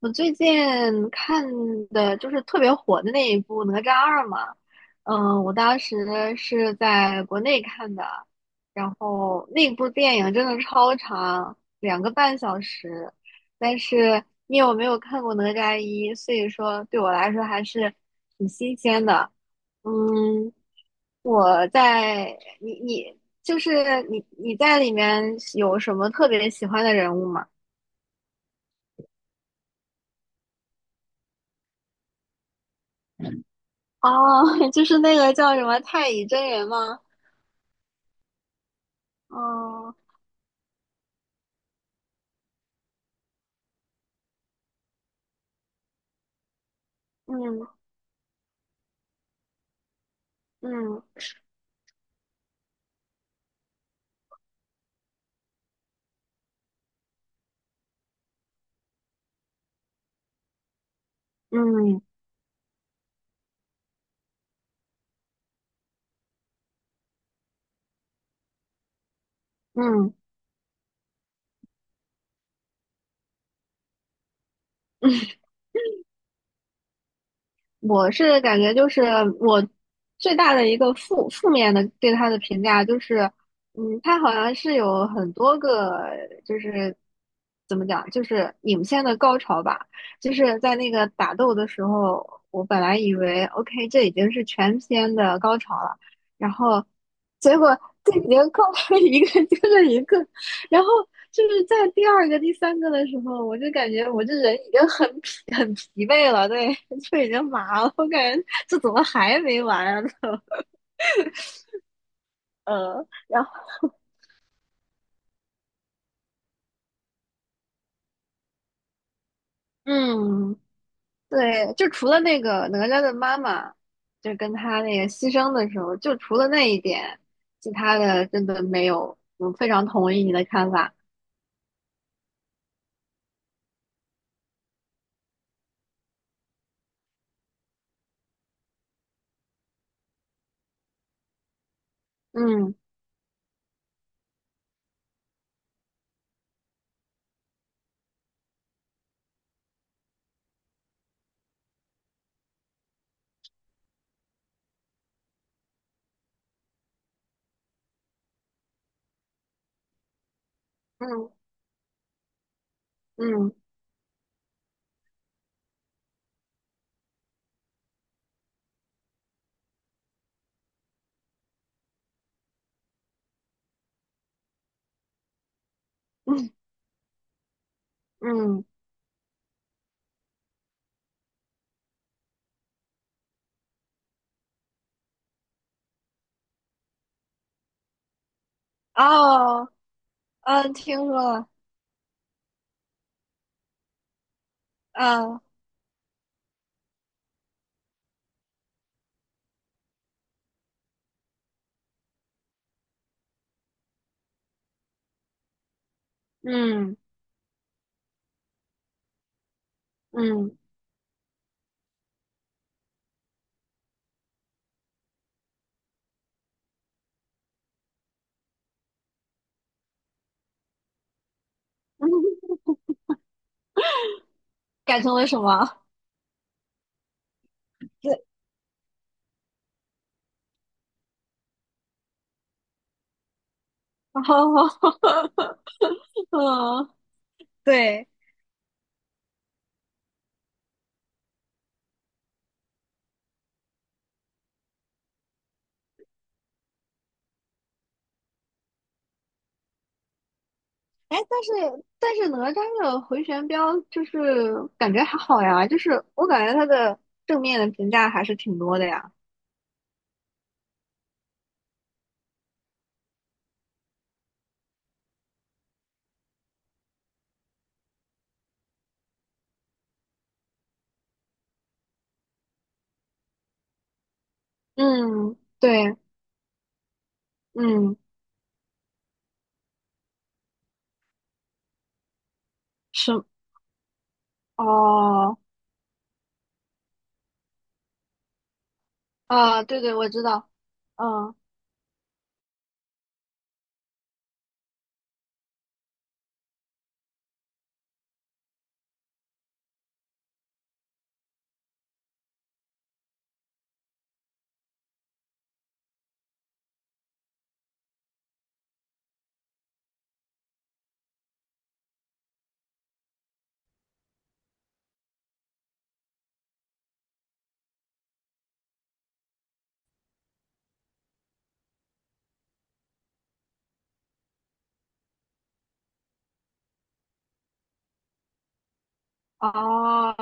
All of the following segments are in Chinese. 我最近看的就是特别火的那一部《哪吒二》嘛。嗯，我当时是在国内看的，然后那部电影真的超长，2个半小时，但是因为我没有看过《哪吒一》，所以说对我来说还是挺新鲜的。嗯，我在你你就是你你在里面有什么特别喜欢的人物吗？哦，就是那个叫什么太乙真人吗？哦，嗯嗯嗯嗯，我是感觉就是我最大的一个负面的对他的评价就是，嗯，他好像是有很多个就是怎么讲，就是影片的高潮吧，就是在那个打斗的时候，我本来以为 OK 这已经是全片的高潮了，然后结果这已经高潮一个接着 一个，然后就是在第二个、第三个的时候，我就感觉我这人已经很疲 很疲惫了，对，就已经麻了。我感觉这怎么还没完啊？然后嗯，对，就除了那个哪吒的妈妈，就跟他那个牺牲的时候，就除了那一点，其他的真的没有。我非常同意你的看法。嗯嗯嗯嗯嗯，哦，嗯，听说了，嗯嗯嗯，嗯，改成了什么？对，好好好，嗯，对，哎，但是哪吒的回旋镖就是感觉还好呀，就是我感觉他的正面的评价还是挺多的呀。嗯，对，嗯，是，哦，啊，对对，我知道，嗯，哦，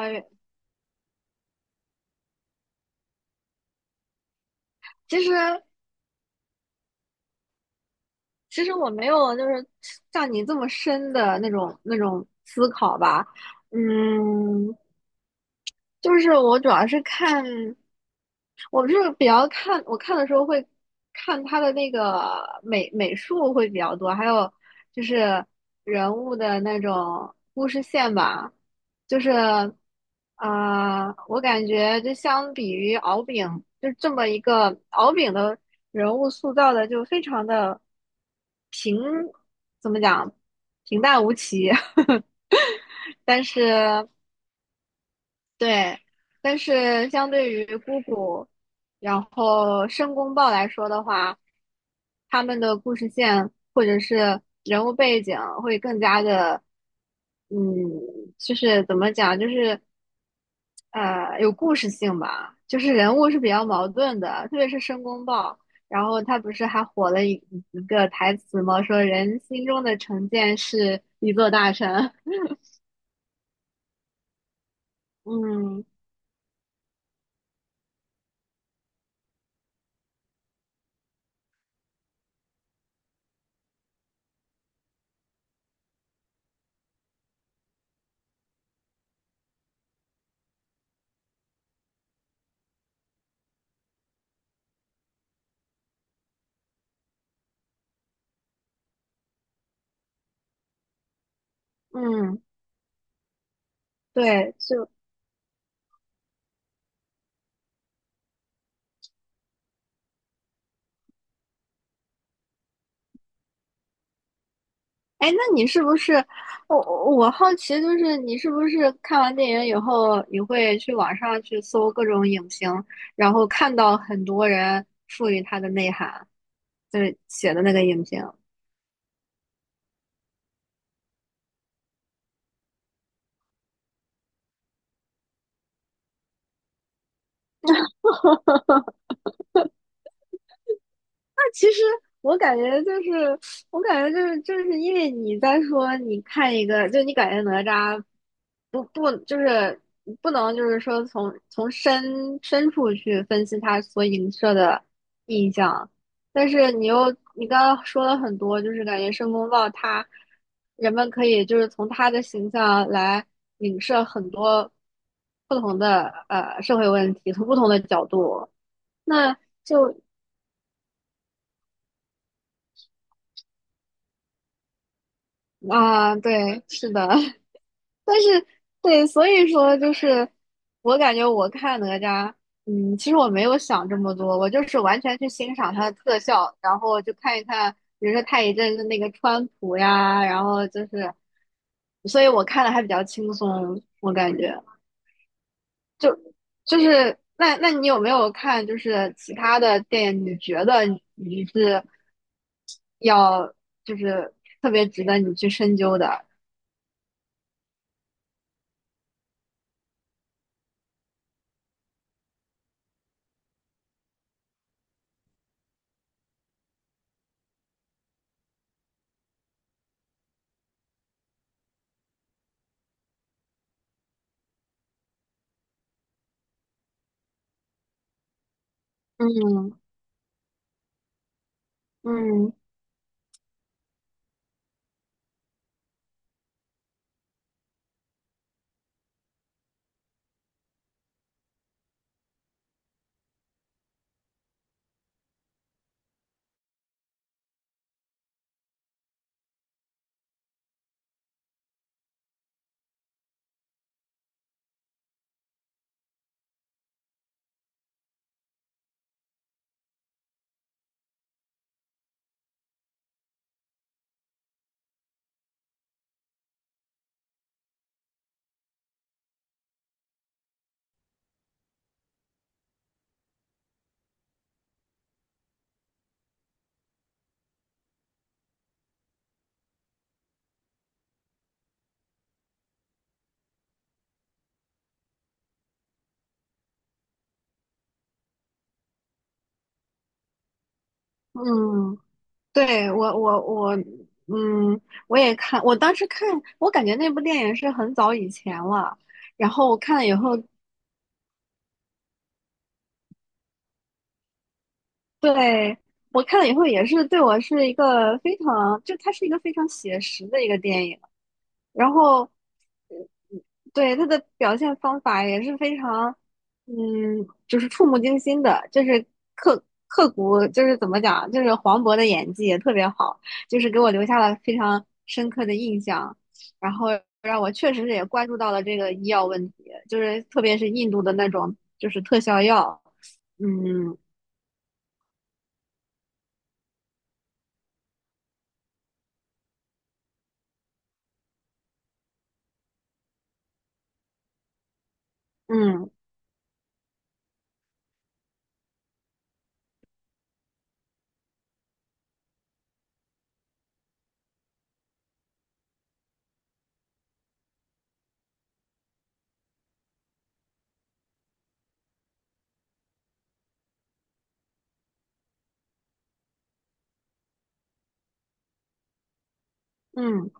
其实其实我没有就是像你这么深的那种思考吧，嗯，就是我主要是看，我是比较看，我看的时候会看他的那个美术会比较多，还有就是人物的那种故事线吧，就是我感觉就相比于敖丙，就这么一个敖丙的人物塑造的就非常的平，怎么讲，平淡无奇，但是。对，但是相对于姑姑，然后申公豹来说的话，他们的故事线或者是人物背景会更加的，嗯，就是怎么讲，就是有故事性吧，就是人物是比较矛盾的，特别是申公豹，然后他不是还火了一个台词吗？说人心中的成见是一座大山，嗯嗯。对，就哎，那你是不是我好奇，就是你是不是看完电影以后，你会去网上去搜各种影评，然后看到很多人赋予它的内涵，就是写的那个影评。其实我感觉就是，我感觉就是，就是因为你在说，你看一个，就你感觉哪吒不就是不能就是说从深深处去分析他所影射的印象，但是你又你刚刚说了很多，就是感觉申公豹他人们可以就是从他的形象来影射很多不同的社会问题，从不同的角度。那就啊，对，是的，但是对，所以说就是我感觉我看哪吒，嗯，其实我没有想这么多，我就是完全去欣赏它的特效，然后就看一看，比如说太乙真的那个川普呀，然后就是，所以我看的还比较轻松，我感觉就就是那那你有没有看就是其他的电影？你觉得你是要就是特别值得你去深究的？嗯嗯嗯，对，我,嗯，我也看，我当时看，我感觉那部电影是很早以前了，然后我看了以后，对，我看了以后也是对我是一个非常，就它是一个非常写实的一个电影，然后对，他的表现方法也是非常，嗯，就是触目惊心的，就是刻刻骨，就是怎么讲，就是黄渤的演技也特别好，就是给我留下了非常深刻的印象，然后让我确实也关注到了这个医药问题，就是特别是印度的那种就是特效药，嗯嗯嗯。